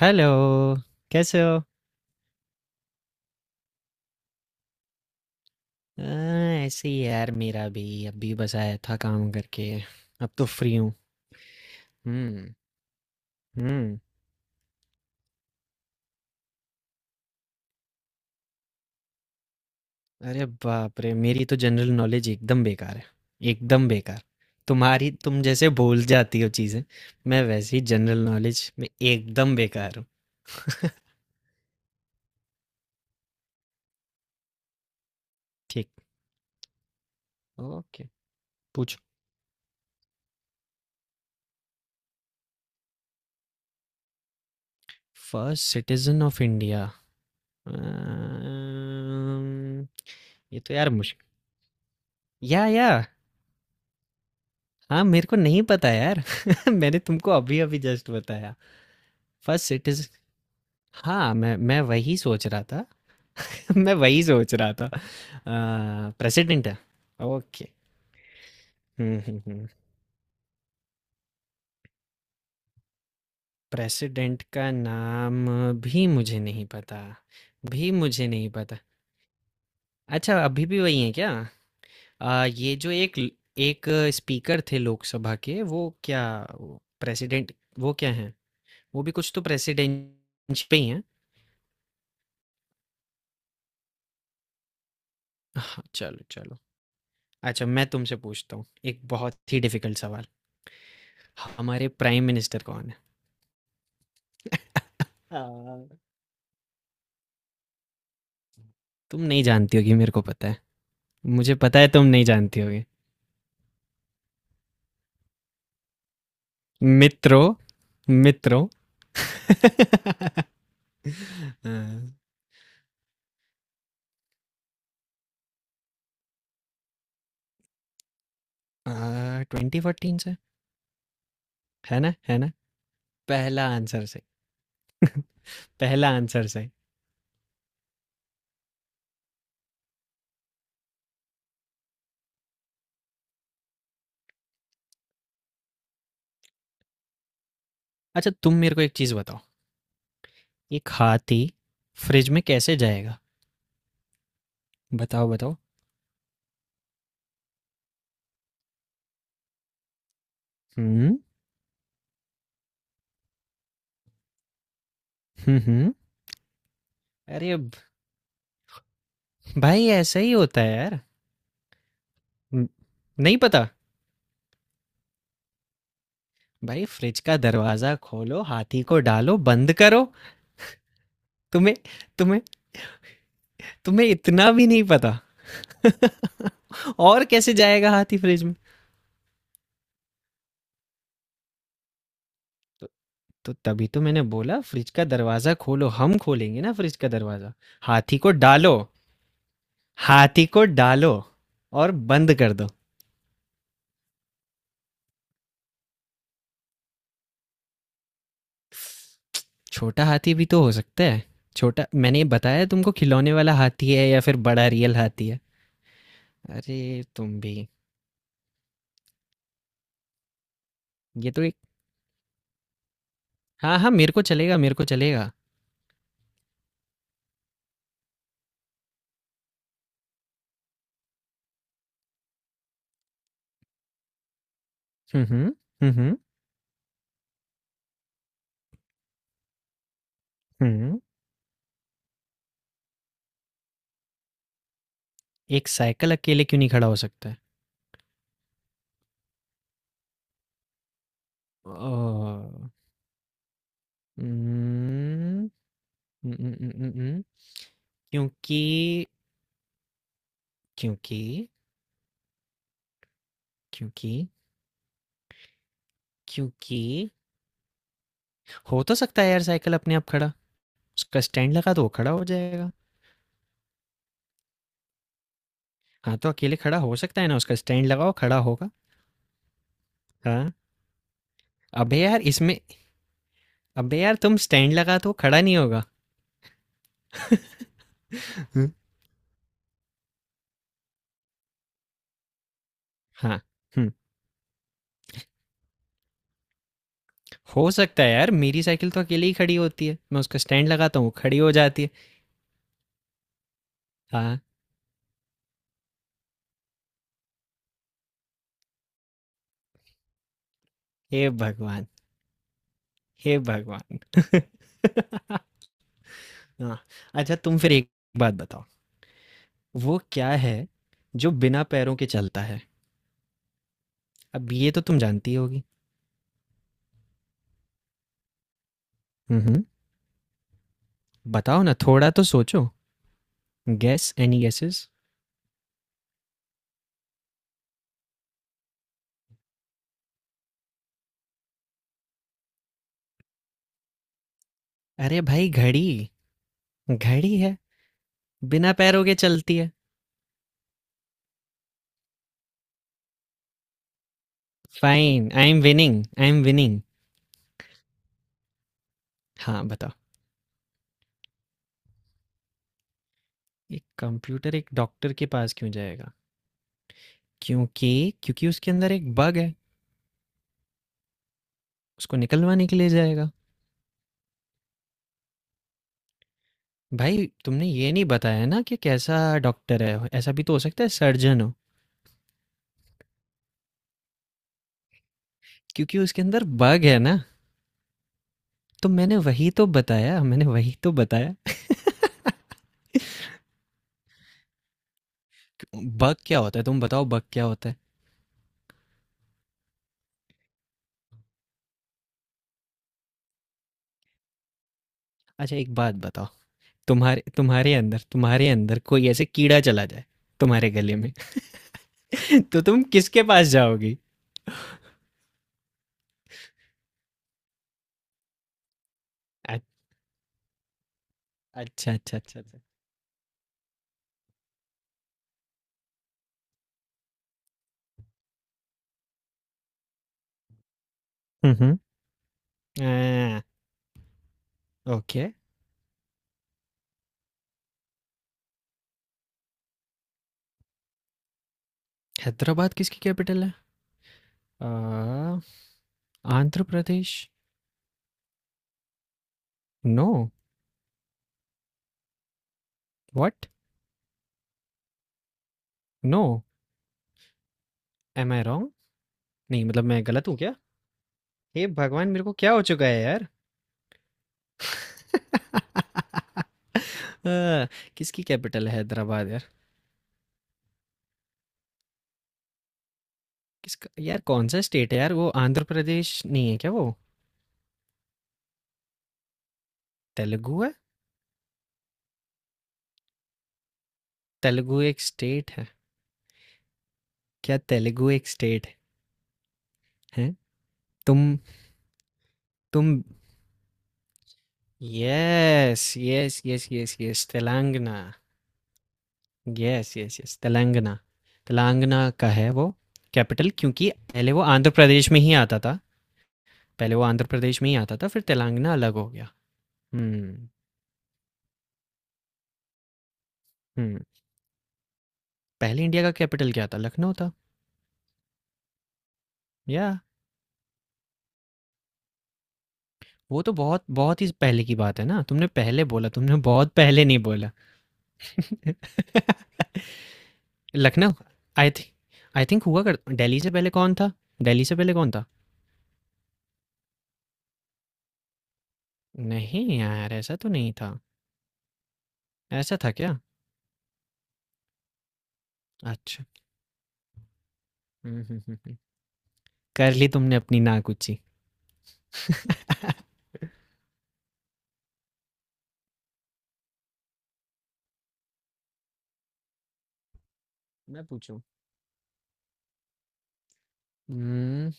Hello. कैसे हो? ऐसे ही यार, मेरा भी अभी बस आया था काम करके। अब तो फ्री हूँ। हम्म, हम्म। अरे बाप रे, मेरी तो जनरल नॉलेज एकदम बेकार है, एकदम बेकार। तुम जैसे भूल जाती हो चीज़ें, मैं वैसे ही जनरल नॉलेज में एकदम बेकार हूँ। ठीक। ओके। पूछो। First citizen of India. ये तो यार मुश्किल। या, हाँ, मेरे को नहीं पता यार मैंने तुमको अभी-अभी जस्ट बताया। फर्स्ट सिटीज़ हाँ, मैं वही सोच रहा था। मैं वही सोच रहा था। प्रेसिडेंट है? ओके। हुँ, हुँ, हुँ। प्रेसिडेंट का नाम भी मुझे नहीं पता, भी मुझे नहीं पता। अच्छा अभी भी वही है क्या? ये जो एक स्पीकर थे लोकसभा के, वो क्या, प्रेसिडेंट, वो क्या हैं? वो भी कुछ तो प्रेसिडेंट पे ही हैं। हाँ, चलो, चलो। अच्छा मैं तुमसे पूछता हूँ एक बहुत ही डिफिकल्ट सवाल। हमारे प्राइम मिनिस्टर कौन है? हाँ। तुम नहीं जानती होगी, मेरे को पता है। मुझे पता है तुम नहीं जानती होगी। मित्रों, मित्रों। 2014 से। है ना, है ना? पहला आंसर से, पहला आंसर से। अच्छा तुम मेरे को एक चीज बताओ। एक हाथी फ्रिज में कैसे जाएगा? बताओ, बताओ। हम्म, हम्म, अरे भाई ऐसा ही होता है यार। न- नहीं पता। भाई फ्रिज का दरवाजा खोलो, हाथी को डालो, बंद करो। तुम्हें तुम्हें तुम्हें इतना भी नहीं पता। और कैसे जाएगा हाथी फ्रिज में? तो, तो तभी तो मैंने बोला फ्रिज का दरवाजा खोलो, हम खोलेंगे ना फ्रिज का दरवाजा। हाथी को डालो, हाथी को डालो, और बंद कर दो। छोटा हाथी भी तो हो सकता है। छोटा, मैंने बताया तुमको, खिलौने वाला हाथी है या फिर बड़ा रियल हाथी है। अरे, तुम भी। ये तो एक, हाँ हाँ, मेरे को चलेगा, मेरे को चलेगा। हम्म, हम्म, हम्म, हम्म। एक साइकिल अकेले क्यों नहीं खड़ा हो सकता है? अ, उम्म, उम, उम, उम, उम, उम, क्योंकि क्योंकि क्योंकि क्योंकि हो तो सकता है यार साइकिल अपने आप खड़ा। उसका स्टैंड लगा तो वो खड़ा हो जाएगा। हाँ, तो अकेले खड़ा हो सकता है ना, उसका स्टैंड लगाओ खड़ा होगा। हाँ, अबे यार इसमें अबे यार तुम स्टैंड लगा तो वो खड़ा नहीं होगा। हुँ, हाँ, हुँ, हो सकता है यार, मेरी साइकिल तो अकेले ही खड़ी होती है। मैं उसका स्टैंड लगाता हूँ, वो खड़ी हो जाती है। हाँ, हे भगवान! हे भगवान! हाँ, अच्छा तुम फिर एक बात बताओ। वो क्या है जो बिना पैरों के चलता है? अब ये तो तुम जानती होगी। हम्म। बताओ ना, थोड़ा तो सोचो। Guess, any guesses? अरे भाई, घड़ी। घड़ी है, बिना पैरों के चलती है। Fine, I am winning, I am winning. हाँ बताओ। एक कंप्यूटर एक डॉक्टर के पास क्यों जाएगा? क्योंकि क्योंकि उसके अंदर एक बग है, उसको निकलवाने के लिए जाएगा। भाई, तुमने ये नहीं बताया ना कि कैसा डॉक्टर है, ऐसा भी तो हो सकता है सर्जन हो। क्योंकि उसके अंदर बग है ना, तो मैंने वही तो बताया, मैंने वही तो बताया। बग क्या होता है, तुम बताओ बग क्या होता है? अच्छा एक बात बताओ। तुम्हारे तुम्हारे अंदर कोई ऐसे कीड़ा चला जाए, तुम्हारे गले में तो तुम किसके पास जाओगी? अ- अच्छा, अच्छा, अच्छा, अच्छा। हम्म। आ, ओके। हैदराबाद किसकी कैपिटल है? आ, Andhra Pradesh. No. What? No. Am I wrong? नहीं, मतलब मैं गलत हूँ क्या? हे भगवान, मेरे को क्या हो चुका है यार! आ, किसकी कैपिटल है हैदराबाद यार? किसका यार, कौन सा स्टेट है यार, वो आंध्र प्रदेश नहीं है क्या वो? तेलुगु है? तेलुगु एक स्टेट है? क्या तेलुगु एक स्टेट है? हैं? तुम तुम yes, yes, yes, yes, yes, Telangana. Yes, yes, yes, Telangana. Telangana का है वो कैपिटल, क्योंकि पहले वो आंध्र प्रदेश में ही आता था। पहले वो आंध्र प्रदेश में ही आता था, फिर तेलंगाना अलग हो गया। हम्म, हम्म। पहले इंडिया का कैपिटल क्या था? लखनऊ था। याह! वो तो बहुत बहुत ही पहले की बात है ना? तुमने पहले बोला, तुमने बहुत पहले नहीं बोला। लखनऊ। आई थि आई थिंक हुआ कर दिल्ली से पहले कौन था? दिल्ली से पहले कौन था? नहीं यार, ऐसा तो नहीं था। ऐसा था क्या? अच्छा। हुँ, हुँ, हुँ, हुँ। कर ली तुमने अपनी नाकुच्ची। मैं पूछूँ? उम,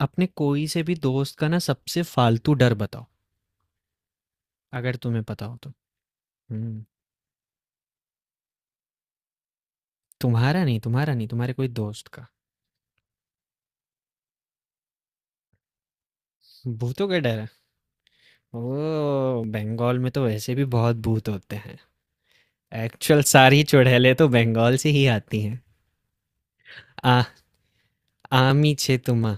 अपने कोई से भी दोस्त का ना सबसे फालतू डर बताओ, अगर तुम्हें पता हो तो। हुँ, तुम्हारा नहीं, तुम्हारा नहीं, तुम्हारे कोई दोस्त का। भूतों का डर है। ओ, बंगाल में तो वैसे भी बहुत भूत होते हैं। एक्चुअल सारी चुड़ैलें तो बंगाल से ही आती हैं। आ आमी छे तुमा।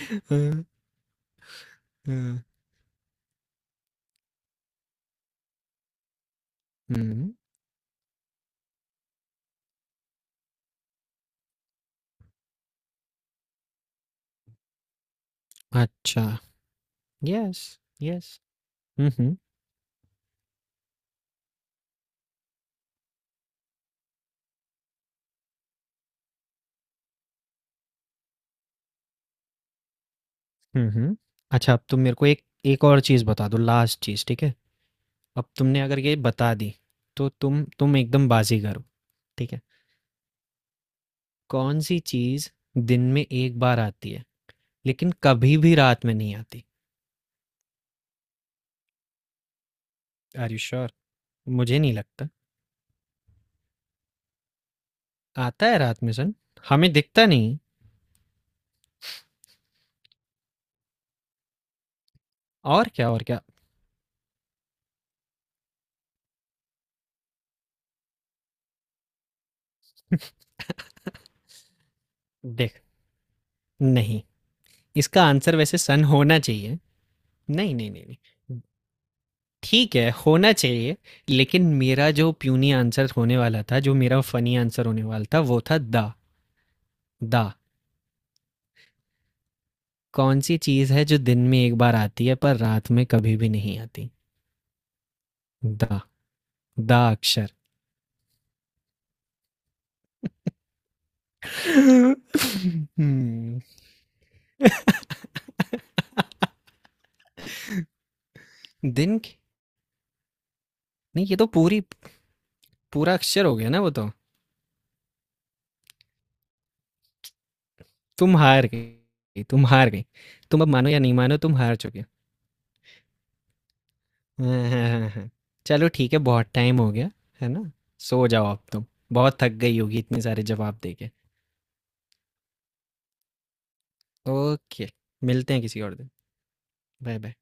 हम्म, हम्म, हम्म। अच्छा। Yes, yes. हम्म, हम्म, हम्म, हम्म। अच्छा, अब तुम मेरे को एक एक और चीज़ बता दो, लास्ट चीज़, ठीक है? अब तुमने अगर ये बता दी तो तुम एकदम बाजीगर हो। ठीक है। कौन सी चीज़ दिन में एक बार आती है लेकिन कभी भी रात में नहीं आती? Are you sure? मुझे नहीं लगता। आता है रात में सन, हमें दिखता नहीं। और क्या, और क्या? देख, नहीं, इसका आंसर वैसे सन होना चाहिए। नहीं, नहीं, नहीं, नहीं। ठीक है, होना चाहिए। लेकिन मेरा जो प्यूनी आंसर होने वाला था जो मेरा फनी आंसर होने वाला था वो था दा। दा। कौन सी चीज़ है जो दिन में एक बार आती है पर रात में कभी भी नहीं आती? दा, दा अक्षर। हम्म, दिन के- नहीं, ये तो पूरी, पूरा अक्षर हो गया ना वो तो। तुम हार गई, तुम हार गई। तुम अब मानो या नहीं मानो, तुम हार चुके हो। हाँ, हाँ, हाँ, हाँ। चलो ठीक है, बहुत टाइम हो गया है ना। सो जाओ अब तुम, बहुत थक गई होगी इतने सारे जवाब दे के। ओके, मिलते हैं किसी और दिन। Bye, bye.